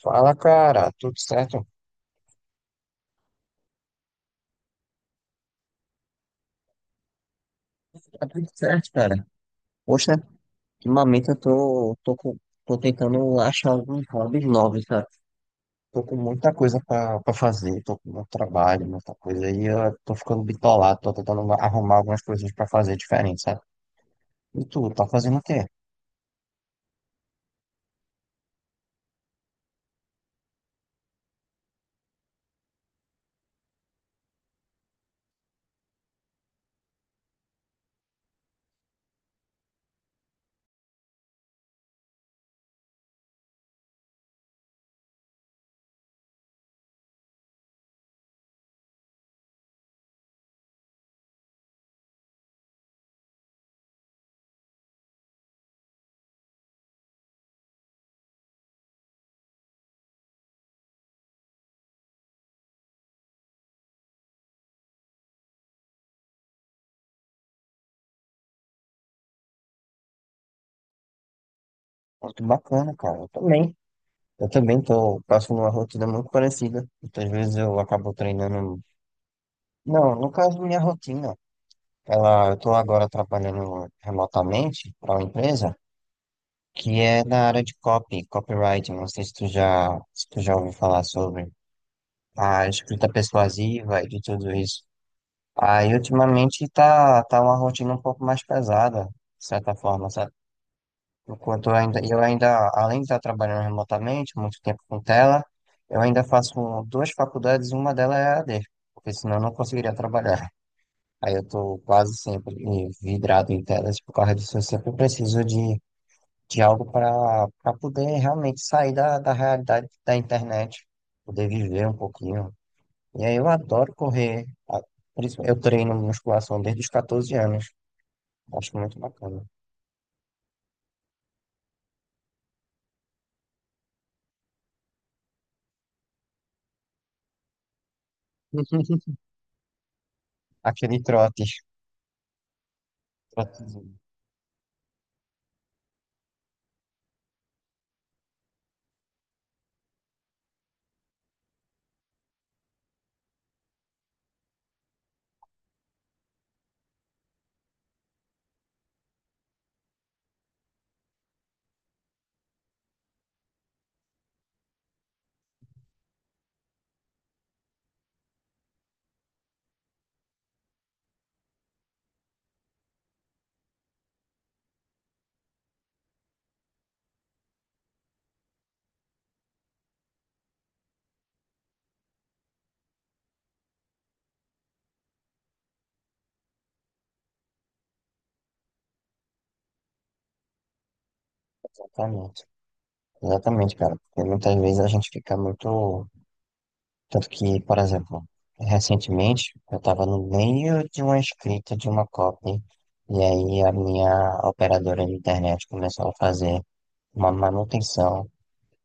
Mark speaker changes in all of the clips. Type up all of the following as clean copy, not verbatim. Speaker 1: Fala, cara, tudo certo? Tá tudo certo, cara. Poxa, ultimamente eu tô tentando achar alguns hobbies novos, cara. Tô com muita coisa pra fazer, tô com muito trabalho, muita coisa, e eu tô ficando bitolado, tô tentando arrumar algumas coisas pra fazer diferente, sabe? E tu, tá fazendo o quê? Muito bacana, cara. Eu também. Eu também tô passando uma rotina muito parecida. Muitas vezes eu acabo treinando. Não, no caso, minha rotina. Ela, eu tô agora trabalhando remotamente para uma empresa que é na área de copy, copywriting. Não sei se tu já ouviu falar sobre a escrita persuasiva e de tudo isso. Aí, ultimamente, tá uma rotina um pouco mais pesada, de certa forma, sabe? Enquanto eu ainda, além de estar trabalhando remotamente, muito tempo com tela, eu ainda faço duas faculdades, uma delas é a AD, porque senão eu não conseguiria trabalhar. Aí eu tô quase sempre vidrado em telas por causa disso, eu sempre preciso de algo para poder realmente sair da realidade da internet, poder viver um pouquinho. E aí eu adoro correr, por isso eu treino musculação desde os 14 anos, acho muito bacana. Aquele trote, trotezinho, exatamente. Exatamente, cara, porque muitas vezes a gente fica muito. Tanto que, por exemplo, recentemente eu estava no meio de uma escrita de uma copy, e aí a minha operadora de internet começou a fazer uma manutenção.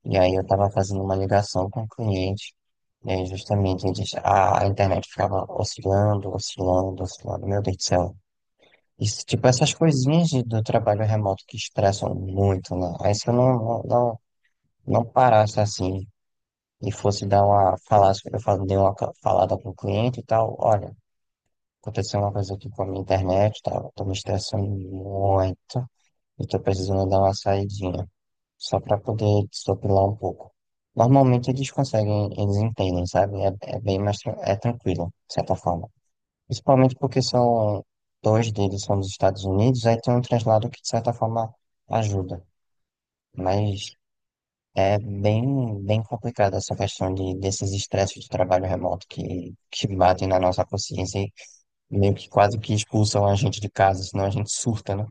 Speaker 1: E aí eu estava fazendo uma ligação com o cliente, e aí justamente eles, a internet ficava oscilando, oscilando, oscilando. Meu Deus do céu. Isso, tipo, essas coisinhas do trabalho remoto que estressam muito, né? Aí se eu não não parasse assim e fosse dar uma, falasse, dei uma falada com o cliente e tal, olha, aconteceu uma coisa aqui com a minha internet, tá? Eu tô me estressando muito, eu tô precisando dar uma saidinha, só para poder desopilar um pouco. Normalmente eles conseguem, eles entendem, sabe? É, é bem mais é tranquilo, de certa forma. Principalmente porque são dois deles são dos Estados Unidos, aí tem um translado que de certa forma ajuda. Mas é bem, bem complicada essa questão desses estresses de trabalho remoto que batem na nossa consciência e meio que quase que expulsam a gente de casa, senão a gente surta, né?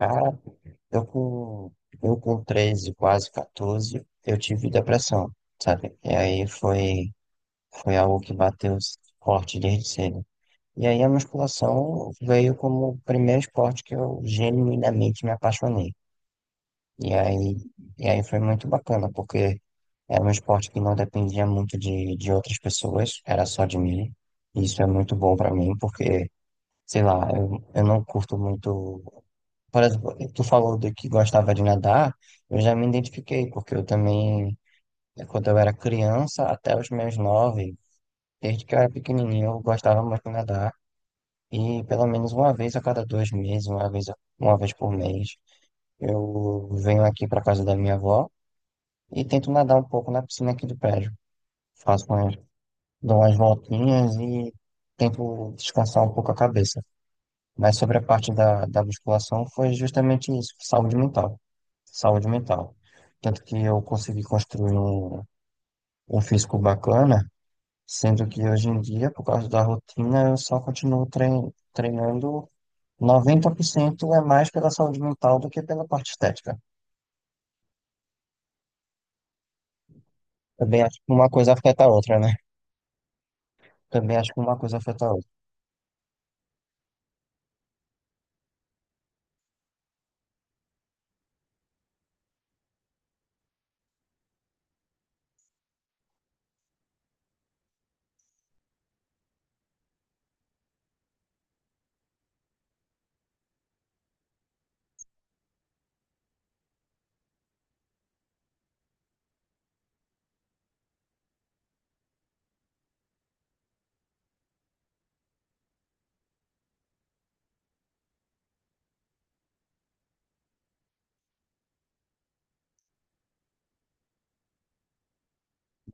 Speaker 1: Cara, Eu com, eu com 13 quase 14, eu tive depressão, sabe? E aí foi algo que bateu forte desde cedo. E aí a musculação veio como o primeiro esporte que eu genuinamente me apaixonei. E aí, e aí foi muito bacana, porque era um esporte que não dependia muito de outras pessoas, era só de mim. E isso é muito bom para mim, porque, sei lá, eu não curto muito. Por exemplo, tu falou de que gostava de nadar, eu já me identifiquei, porque eu também, quando eu era criança, até os meus nove, desde que eu era pequenininho, eu gostava muito de nadar. E pelo menos uma vez a cada 2 meses, uma vez, uma vez por mês, eu venho aqui para casa da minha avó e tento nadar um pouco na piscina aqui do prédio. Faço umas, dou umas voltinhas e tento descansar um pouco a cabeça. Mas sobre a parte da musculação foi justamente isso, saúde mental. Saúde mental. Tanto que eu consegui construir um físico bacana, sendo que hoje em dia, por causa da rotina, eu só continuo treinando 90%, é mais pela saúde mental do que pela parte estética. Também acho que uma coisa afeta a outra, né? Também acho que uma coisa afeta a outra.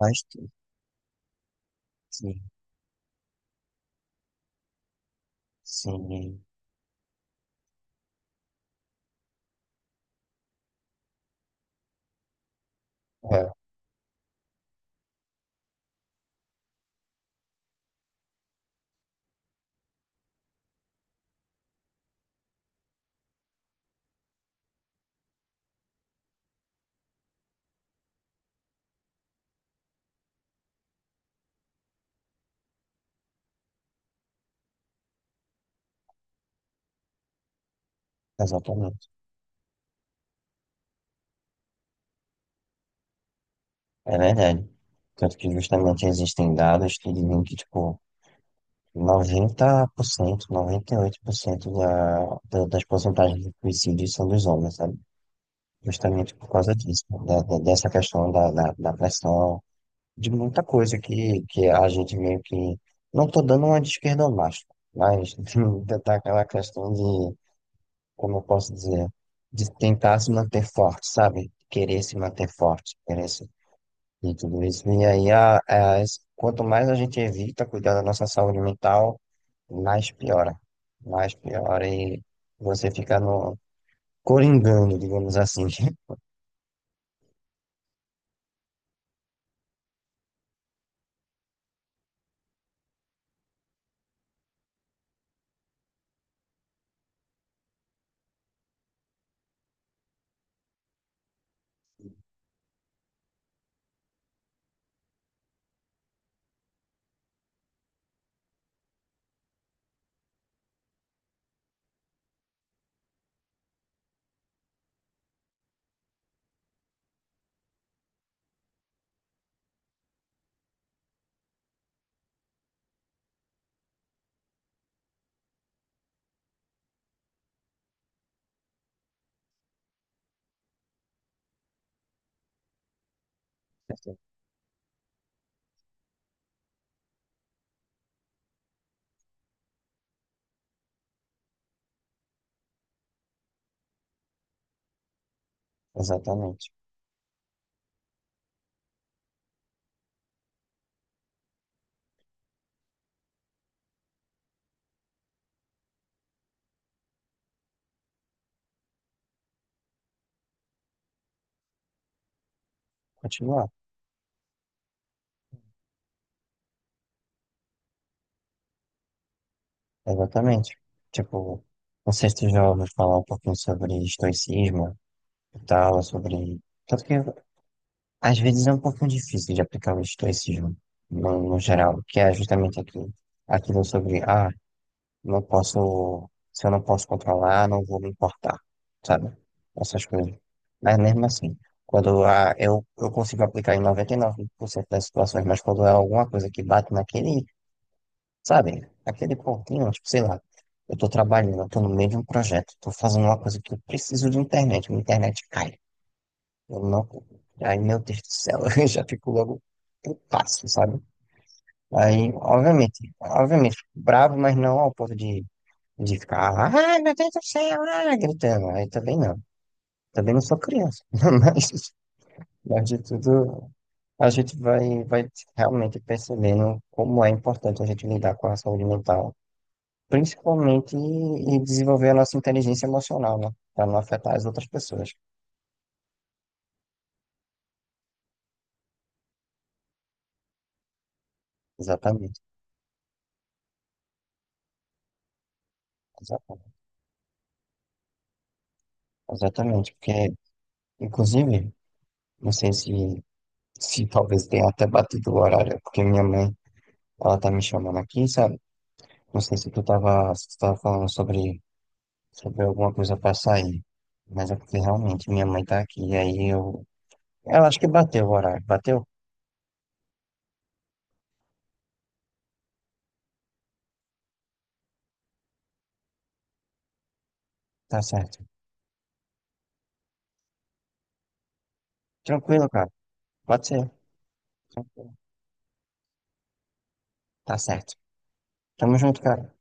Speaker 1: Mas sim, sim, é, exatamente. É verdade. Tanto que justamente existem dados que dizem que, tipo, 90%, 98% das porcentagens de suicídio são dos homens, sabe? Justamente por causa disso, dessa questão da pressão, de muita coisa que a gente meio que. Não tô dando uma de esquerda macho, mas daquela questão de, como eu posso dizer, de tentar se manter forte, sabe? Querer se manter forte, querer e tudo isso. E aí, quanto mais a gente evita cuidar da nossa saúde mental, mais piora. Mais piora e você fica no coringando, digamos assim. Exatamente. Continuar. Exatamente. Tipo, não sei se tu já ouviu falar um pouquinho sobre estoicismo e tal, sobre. Tanto que às vezes é um pouquinho difícil de aplicar o estoicismo no geral, que é justamente aquilo sobre não posso. Se eu não posso controlar, não vou me importar, sabe? Essas coisas. Mas mesmo assim, quando eu consigo aplicar em 99% das situações, mas quando é alguma coisa que bate naquele, sabe? Aquele pontinho, tipo, sei lá, eu tô trabalhando, eu tô no meio de um projeto, tô fazendo uma coisa que eu preciso de internet, minha internet cai. Eu não, aí, meu Deus do céu, eu já fico logo putaço, sabe? Aí, obviamente, fico bravo, mas não ao ponto de ficar lá, ai meu Deus do céu, ah, gritando. Aí também não. Também não sou criança. Mas de tudo, a gente vai realmente percebendo como é importante a gente lidar com a saúde mental, principalmente e desenvolver a nossa inteligência emocional, né? Para não afetar as outras pessoas. Exatamente. Exatamente. Exatamente. Porque, inclusive, não sei se talvez tenha até batido o horário, porque minha mãe, ela tá me chamando aqui, sabe? Não sei se tu tava falando sobre se houver alguma coisa para sair. Mas é porque realmente minha mãe tá aqui, aí eu. Ela acho que bateu o horário. Bateu? Tá certo. Tranquilo, cara. Pode ser. Tranquilo. Tá certo. Tamo junto, cara.